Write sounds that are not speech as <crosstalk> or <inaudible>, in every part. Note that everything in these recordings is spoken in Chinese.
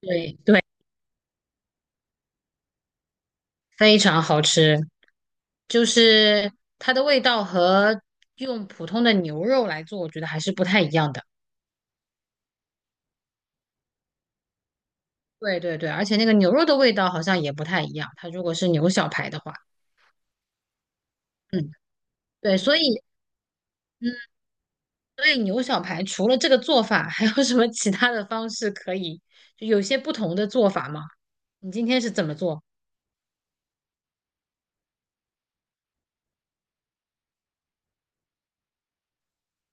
对对，非常好吃，就是它的味道和用普通的牛肉来做，我觉得还是不太一样的。对对对，而且那个牛肉的味道好像也不太一样，它如果是牛小排的话。嗯，对，所以。嗯，所以牛小排除了这个做法，还有什么其他的方式可以，就有些不同的做法吗？你今天是怎么做？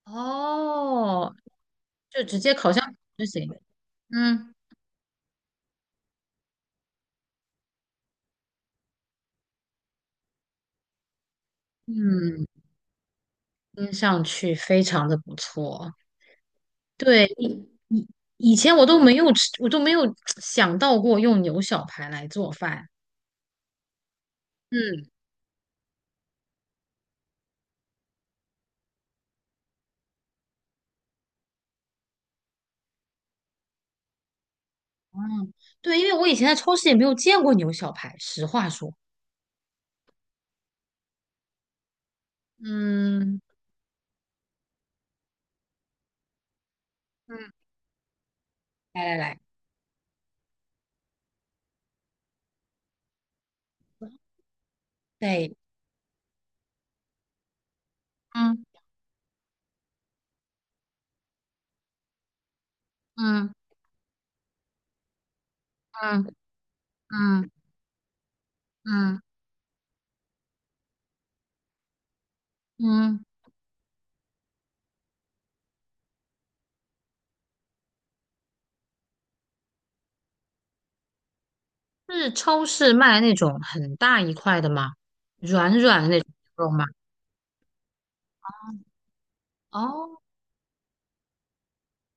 哦，就直接烤箱就行。嗯，嗯，听上去非常的不错。对，以前我都没有吃，我都没有想到过用牛小排来做饭。嗯。嗯，对，因为我以前在超市也没有见过牛小排，实话说。嗯。嗯，来来来。对。嗯。嗯。嗯。嗯。嗯。嗯，是超市卖那种很大一块的吗？软软的那种吗？哦。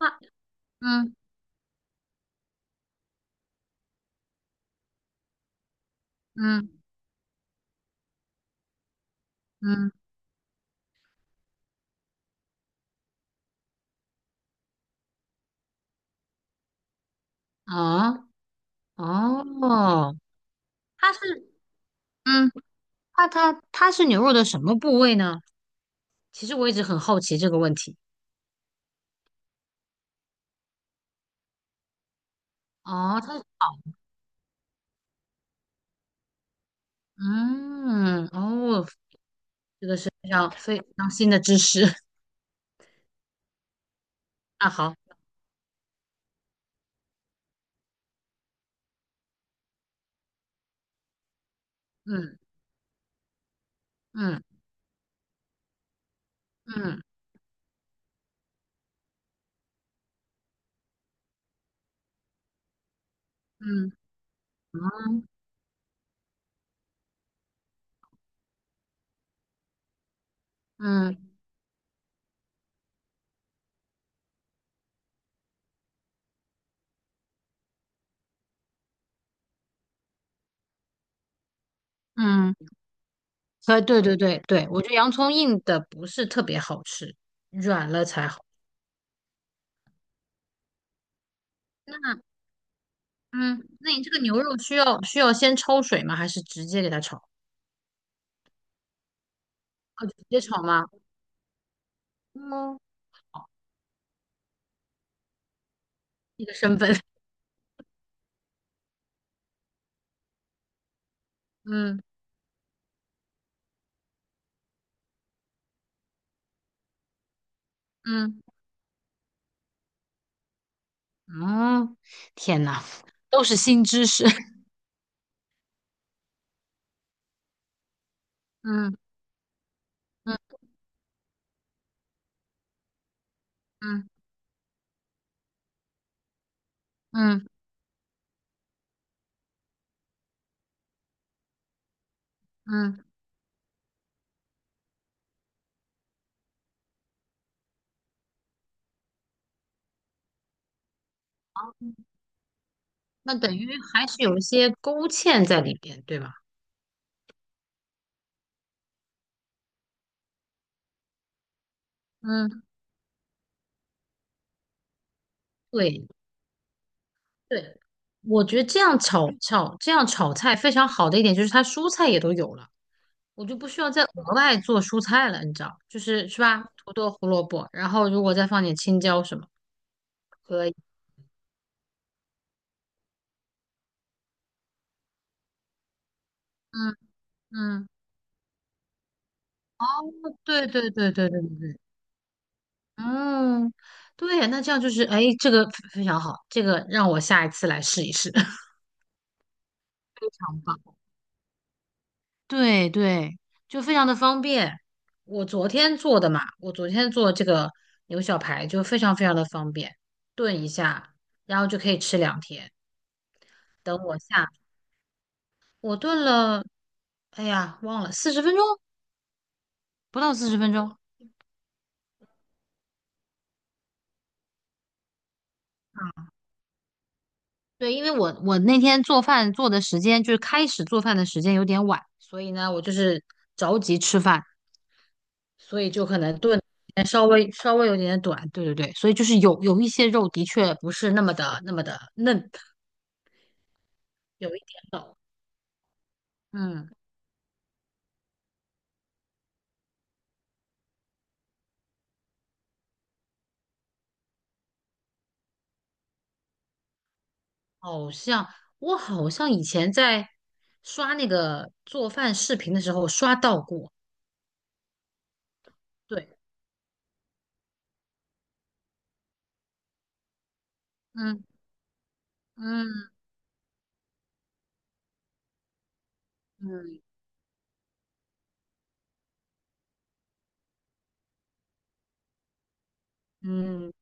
那。嗯。嗯。嗯。哦。哦，它是。嗯它是牛肉的什么部位呢？其实我一直很好奇这个问题。哦，它。嗯。哦，非常非常新的知识。 <laughs> 啊！好。嗯。嗯。嗯。嗯。嗯。嗯。嗯，对对对对，我觉得洋葱硬的不是特别好吃，软了才好。那。嗯，那你这个牛肉需要先焯水吗？还是直接给它炒？啊，直接炒吗？嗯，好，一个身份。<laughs> 嗯。嗯。嗯，天呐，都是新知识。<laughs> 嗯。嗯。嗯。嗯。嗯，那等于还是有一些勾芡在里边，对吧？嗯，对对，我觉得这样炒菜非常好的一点就是它蔬菜也都有了，我就不需要再额外做蔬菜了，你知道，就是是吧？土豆、胡萝卜，然后如果再放点青椒什么。可以。嗯。嗯，对对对对对对对。嗯，对，那这样就是，哎，这个非常好，这个让我下一次来试一试。<laughs> 非棒。对对，就非常的方便。我昨天做的嘛，我昨天做这个牛小排就非常非常的方便，炖一下，然后就可以吃两天。等我下，我炖了，哎呀，忘了四十分钟，不到四十分钟。对，因为我那天做饭做的时间就是开始做饭的时间有点晚，所以呢，我就是着急吃饭。所以就可能炖得稍微有点点短。对对对，所以就是有一些肉的确不是那么的嫩，有一点老。嗯，好像我好像以前在刷那个做饭视频的时候刷到过。对。嗯。嗯。嗯。嗯，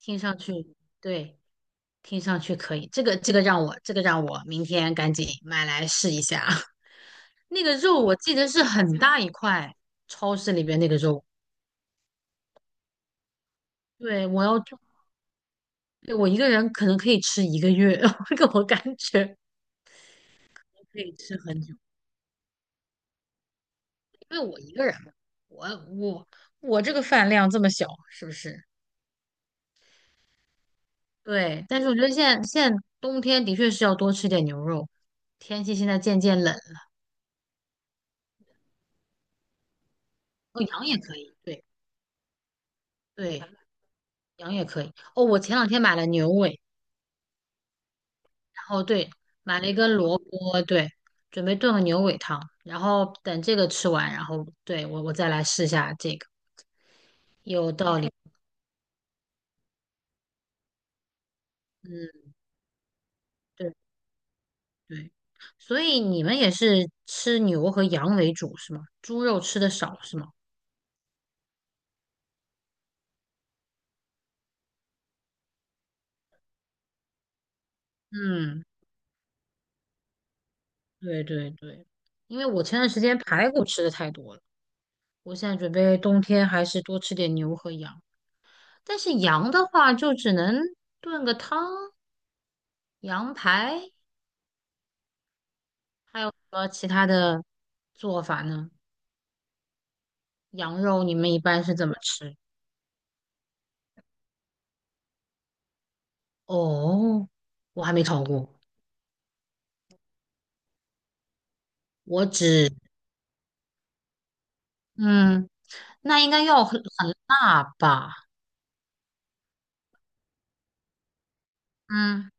听上去。对，听上去可以，这个让我让我明天赶紧买来试一下。<laughs> 那个肉我记得是很大一块，超市里边那个肉。对，我要。对，我一个人可能可以吃1个月。<laughs> 这我感觉可以吃很久，因为我一个人嘛。我我我这个饭量这么小，是不是？对，但是我觉得现在冬天的确是要多吃点牛肉，天气现在渐渐冷。哦，羊也可以。对。对，羊也可以。哦，我前两天买了牛尾，然后对，买了1根萝卜，对，准备炖个牛尾汤，然后等这个吃完，然后对我再来试一下这个。有道理。嗯。对。对，所以你们也是吃牛和羊为主是吗？猪肉吃的少是吗？嗯，对对对，因为我前段时间排骨吃的太多了，我现在准备冬天还是多吃点牛和羊。但是羊的话，就只能炖个汤，羊排，和其他的做法呢？羊肉你们一般是怎么吃？哦，我还没烤过。我只。嗯，那应该要很辣吧？嗯。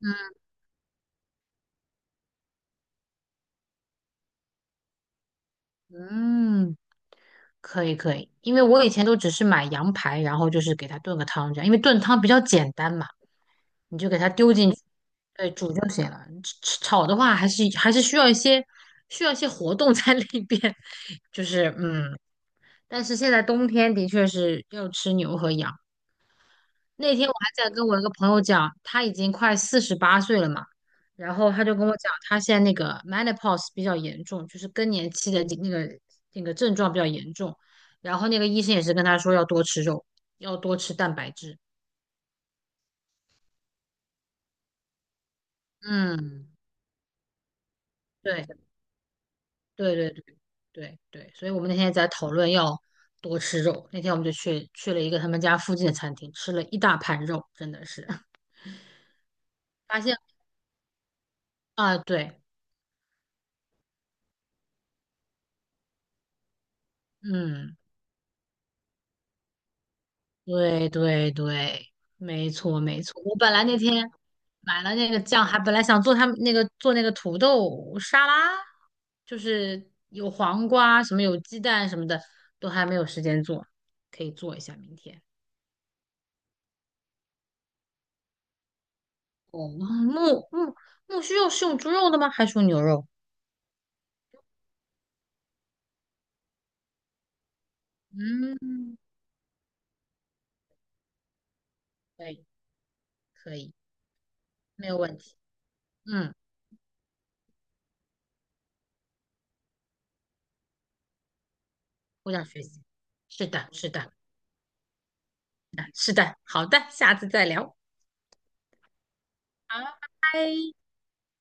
嗯。嗯，可以可以，因为我以前都只是买羊排，然后就是给它炖个汤这样，因为炖汤比较简单嘛，你就给它丢进去。对，煮就行了。炒的话，还是需要一些活动在里边。<laughs> 就是嗯，但是现在冬天的确是要吃牛和羊，那天我还在跟我一个朋友讲，他已经快48岁了嘛，然后他就跟我讲，他现在那个 menopause 比较严重，就是更年期的那个那个症状比较严重，然后那个医生也是跟他说要多吃肉，要多吃蛋白质。嗯，对对对对对对，所以我们那天在讨论要多吃肉，那天我们就去了一个他们家附近的餐厅，吃了一大盘肉，真的是。 <laughs> 发现。啊，对。嗯。对对对，没错没错。我本来那天买了那个酱，还本来想做他们那个做那个土豆沙拉，就是有黄瓜什么有鸡蛋什么的，都还没有时间做，可以做一下明天。哦，木须肉是用猪肉的吗？还是用牛肉？嗯，可以可以，没有问题。嗯，互相学习。是的是的是的，好的，下次再聊。好，拜拜。